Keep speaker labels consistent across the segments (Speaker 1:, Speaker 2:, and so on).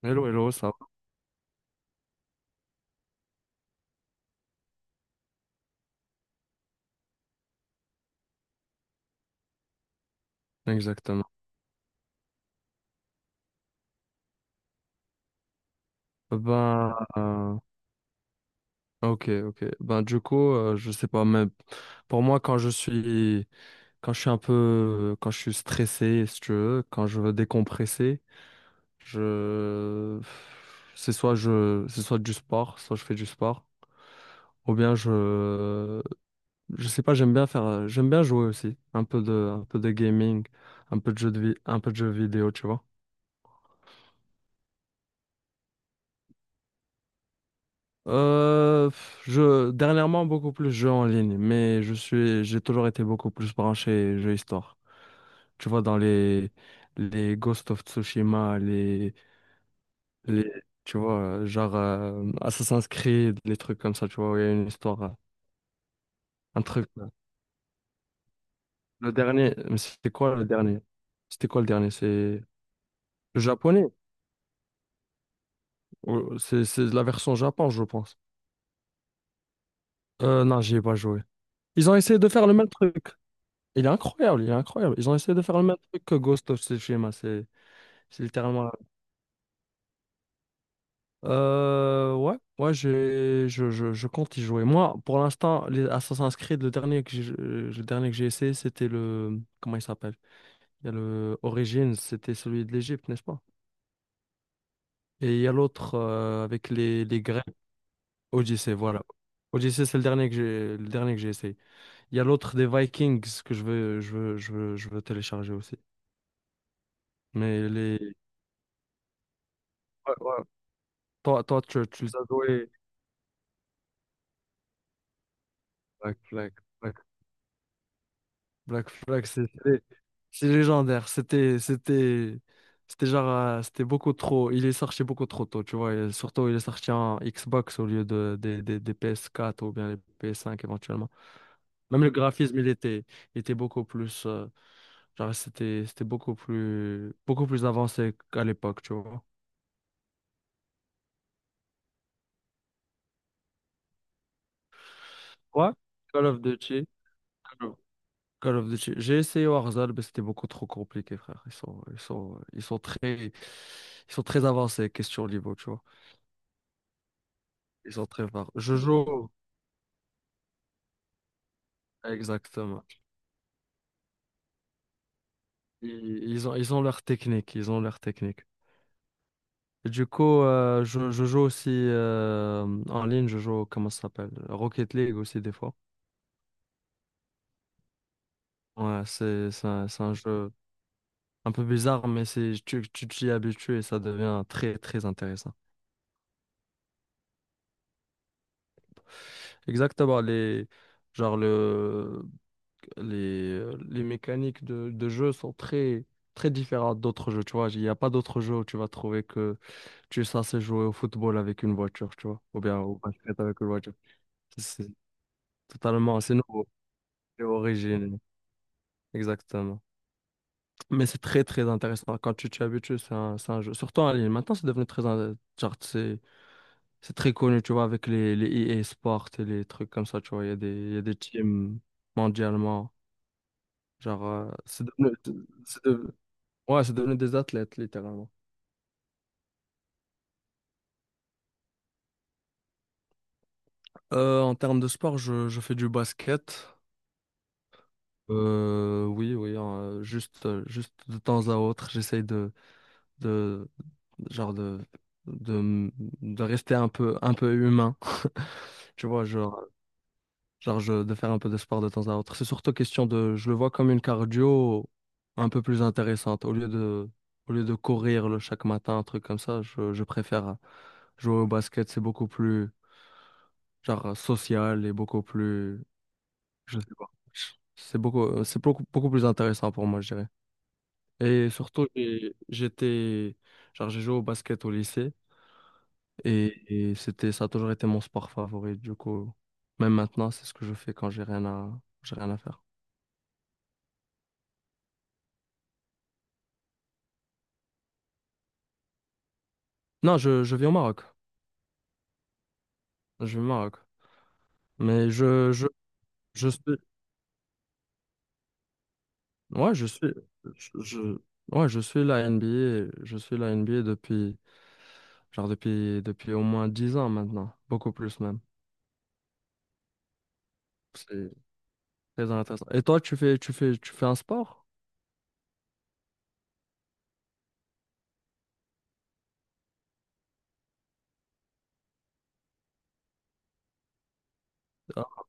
Speaker 1: Hello, hello, ça va? Exactement. Ben, ok, ok. Ben, du coup, je sais pas, mais pour moi, quand je suis stressé, si tu veux, quand je veux décompresser, je, c'est soit du sport, soit je fais du sport, ou bien je sais pas, j'aime bien jouer aussi, un peu de gaming, un peu de jeux vidéo, tu vois. Dernièrement, beaucoup plus jeux en ligne, mais j'ai toujours été beaucoup plus branché jeux histoire. Tu vois, dans les Ghost of Tsushima, les, tu vois, genre Assassin's Creed, les trucs comme ça, tu vois, où il y a une histoire, un truc là. Le dernier, mais c'était quoi le dernier? C'était quoi le dernier? C'est le japonais? Ou c'est la version Japon, je pense. Non, j'y ai pas joué. Ils ont essayé de faire le même truc. Il est incroyable, il est incroyable. Ils ont essayé de faire le même truc que Ghost of Tsushima. C'est littéralement je compte y jouer. Moi, pour l'instant, les Assassin's Creed, le dernier que j'ai essayé, c'était le. Comment il s'appelle? Il y a le Origins, c'était celui de l'Égypte, n'est-ce pas? Et il y a l'autre avec les Grecs, Odyssey, voilà. Odyssey, c'est le dernier que j'ai essayé. Il y a l'autre des Vikings que je veux télécharger aussi. Mais les. Ouais, ouais. Tu les as joués. Black Flag, Black, Black Flag, c'est légendaire. C'était c'était beaucoup trop. Il est sorti beaucoup trop tôt, tu vois. Et surtout, il est sorti en Xbox au lieu des PS4 ou bien les PS5 éventuellement. Même le graphisme, il était beaucoup plus, c'était beaucoup plus avancé qu'à l'époque, tu vois. Ouais. Call of Duty. Call of Duty. J'ai essayé Warzone, mais c'était beaucoup trop compliqué, frère. Ils sont très avancés, question niveau, tu vois. Ils sont très forts. Je joue, exactement. Ils ont leur technique, ils ont leur technique. Et du coup, je joue aussi en ligne, je joue, comment ça s'appelle? Rocket League aussi, des fois. Ouais, c'est un jeu un peu bizarre, mais tu t'y habitues et ça devient très, très intéressant. Exactement, les, genre le, les mécaniques de jeu sont très, très différentes d'autres jeux, tu vois. Il n'y a pas d'autres jeux où tu vas trouver que tu es censé jouer au football avec une voiture, tu vois, ou bien au basket avec une voiture. C'est totalement, c'est nouveau, c'est original, exactement. Mais c'est très, très intéressant. Quand tu t'y habitues, c'est un jeu, surtout en ligne. Maintenant, c'est devenu très, in- genre, c'est très connu, tu vois, avec les EA Sports et les trucs comme ça, tu vois. Il y a des teams mondialement. Genre, c'est devenu, c'est de- Ouais, c'est devenu des athlètes, littéralement. En termes de sport, je fais du basket. Oui, oui, juste de temps à autre, j'essaye de, genre de, m- de rester un peu humain. Tu vois, genre, de faire un peu de sport de temps à autre. C'est surtout question de, je le vois comme une cardio un peu plus intéressante. Au lieu de courir chaque matin, un truc comme ça, je préfère jouer au basket. C'est beaucoup plus social et beaucoup plus, je sais pas. C'est beaucoup, beaucoup plus intéressant pour moi, je dirais. Et surtout, j'ai joué au basket au lycée et c'était, ça a toujours été mon sport favori. Du coup, même maintenant, c'est ce que je fais quand j'ai rien à faire. Non, je vis au Maroc. Je vis au Maroc. Mais je suis, ouais, je suis, je- ouais, je suis la NBA, je suis la NBA depuis, depuis au moins 10 ans maintenant, beaucoup plus même. C'est très intéressant. Et toi, tu fais un sport? Ah,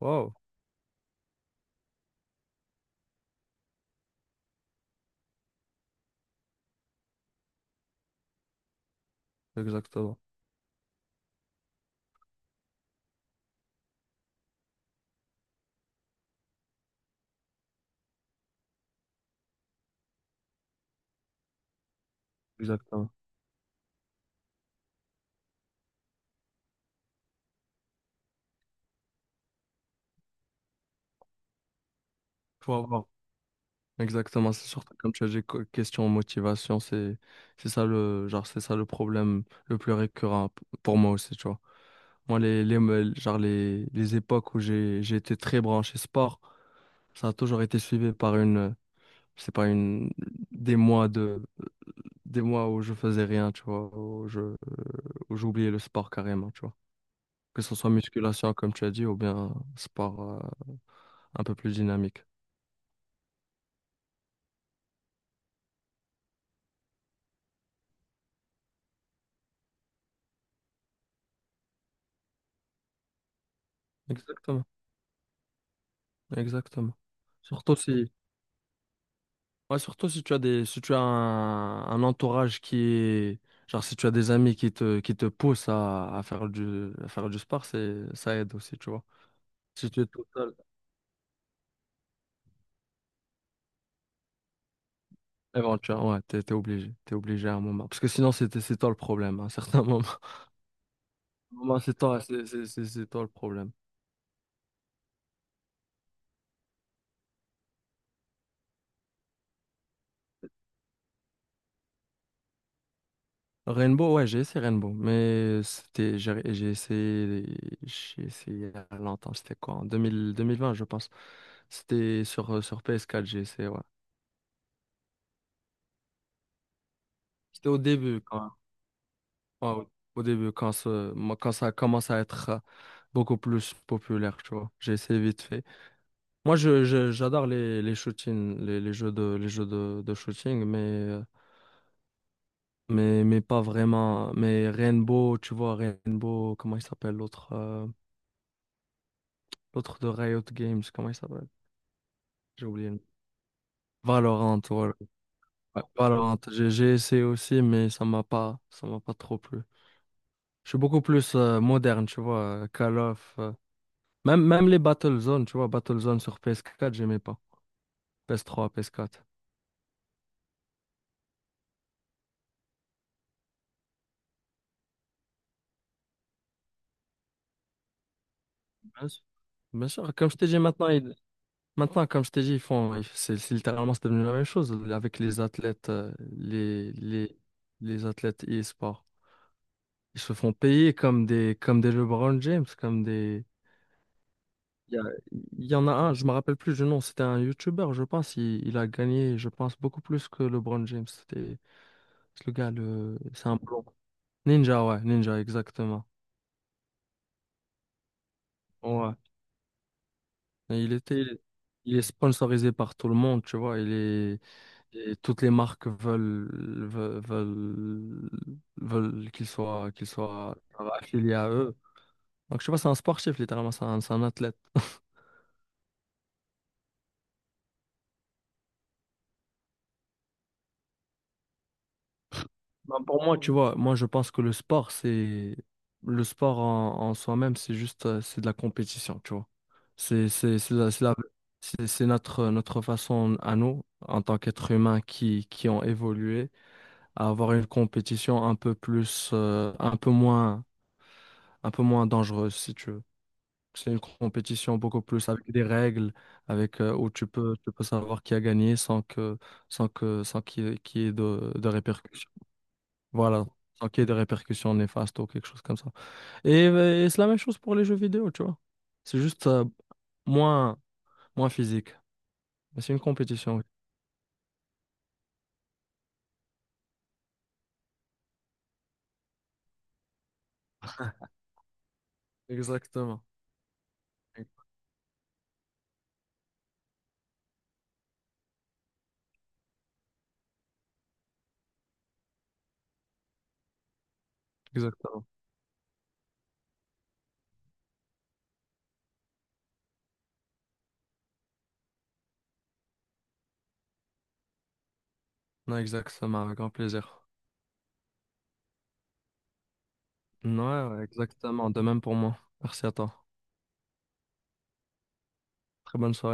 Speaker 1: wow, exactement, exactement. Faut avoir. Exactement, c'est surtout comme tu as dit, question motivation, c'est ça le problème le plus récurrent pour moi aussi, tu vois. Moi, les, me- genre, les époques où j'ai été très branché sport, ça a toujours été suivi par une, c'est pas une, des mois de, des mois où je faisais rien, tu vois, où où j'oubliais le sport carrément, tu vois. Que ce soit musculation, comme tu as dit, ou bien sport un peu plus dynamique. Exactement, exactement. Surtout si, Ouais, surtout si tu as des, si tu as un entourage , genre si tu as des amis qui qui te poussent à à faire du sport, c'est, ça aide aussi, tu vois. Si tu es tout seul, éventuellement, ouais, t'es obligé à un moment. Parce que sinon, c'est toi le problème, à un certain moment. À un moment, c'est toi, c'est c'est toi le problème. Rainbow, ouais, j'ai essayé Rainbow, mais j'ai essayé, j'ai essayé il y a longtemps, c'était quoi, en 2000, 2020, je pense. C'était sur PS4, j'ai essayé, ouais. C'était au début, ouais, au début, quand, quand ça commence à être beaucoup plus populaire, tu vois. J'ai essayé vite fait. Moi, j'adore les shootings, les jeux de shooting, mais pas vraiment. Mais Rainbow, tu vois, Rainbow, comment il s'appelle l'autre? L'autre de Riot Games, comment il s'appelle? J'ai oublié le nom. Valorant, voilà. Ouais, Valorant, j'ai essayé aussi, mais ça m'a pas trop plu. Je suis beaucoup plus moderne, tu vois, Call of. Même, même les Battlezone, tu vois, Battlezone sur PS4, j'aimais pas. PS3, PS4. Bien sûr. Bien sûr, comme je t'ai dit maintenant, ils- maintenant, comme je t'ai dit, ils font, c'est littéralement, c'est devenu la même chose avec les athlètes, les, les, les athlètes e-sport. Ils se font payer comme des LeBron James, Il y, a- il y en a un, je me rappelle plus du nom, c'était un YouTuber, je pense. Il a gagné, je pense, beaucoup plus que LeBron James. C'est le gars, c'est un blond. Ninja, ouais, Ninja, exactement. Ouais. Et il est sponsorisé par tout le monde, tu vois. Et toutes les marques veulent, veulent, veulent qu'il soit affilié à eux. Donc, je sais pas, c'est un sportif, littéralement, c'est un athlète. Ben, pour moi, tu vois, moi je pense que le sport, c'est le sport en soi-même, c'est juste c'est de la compétition, tu vois. C'est c'est c'est la- c'est la- c'est notre façon à nous en tant qu'êtres humains qui ont évolué à avoir une compétition un peu plus un peu moins dangereuse si tu veux. C'est une compétition beaucoup plus avec des règles, avec où tu peux savoir qui a gagné sans qu'il y ait, de répercussions. Voilà, sans qu'il y ait des répercussions néfastes ou quelque chose comme ça. Et c'est la même chose pour les jeux vidéo, tu vois. C'est juste moins, moins physique. Mais c'est une compétition, oui. Exactement. Exactement. Non, exactement, avec grand plaisir. Ouais, ouais, exactement. De même pour moi. Merci à toi. Très bonne soirée.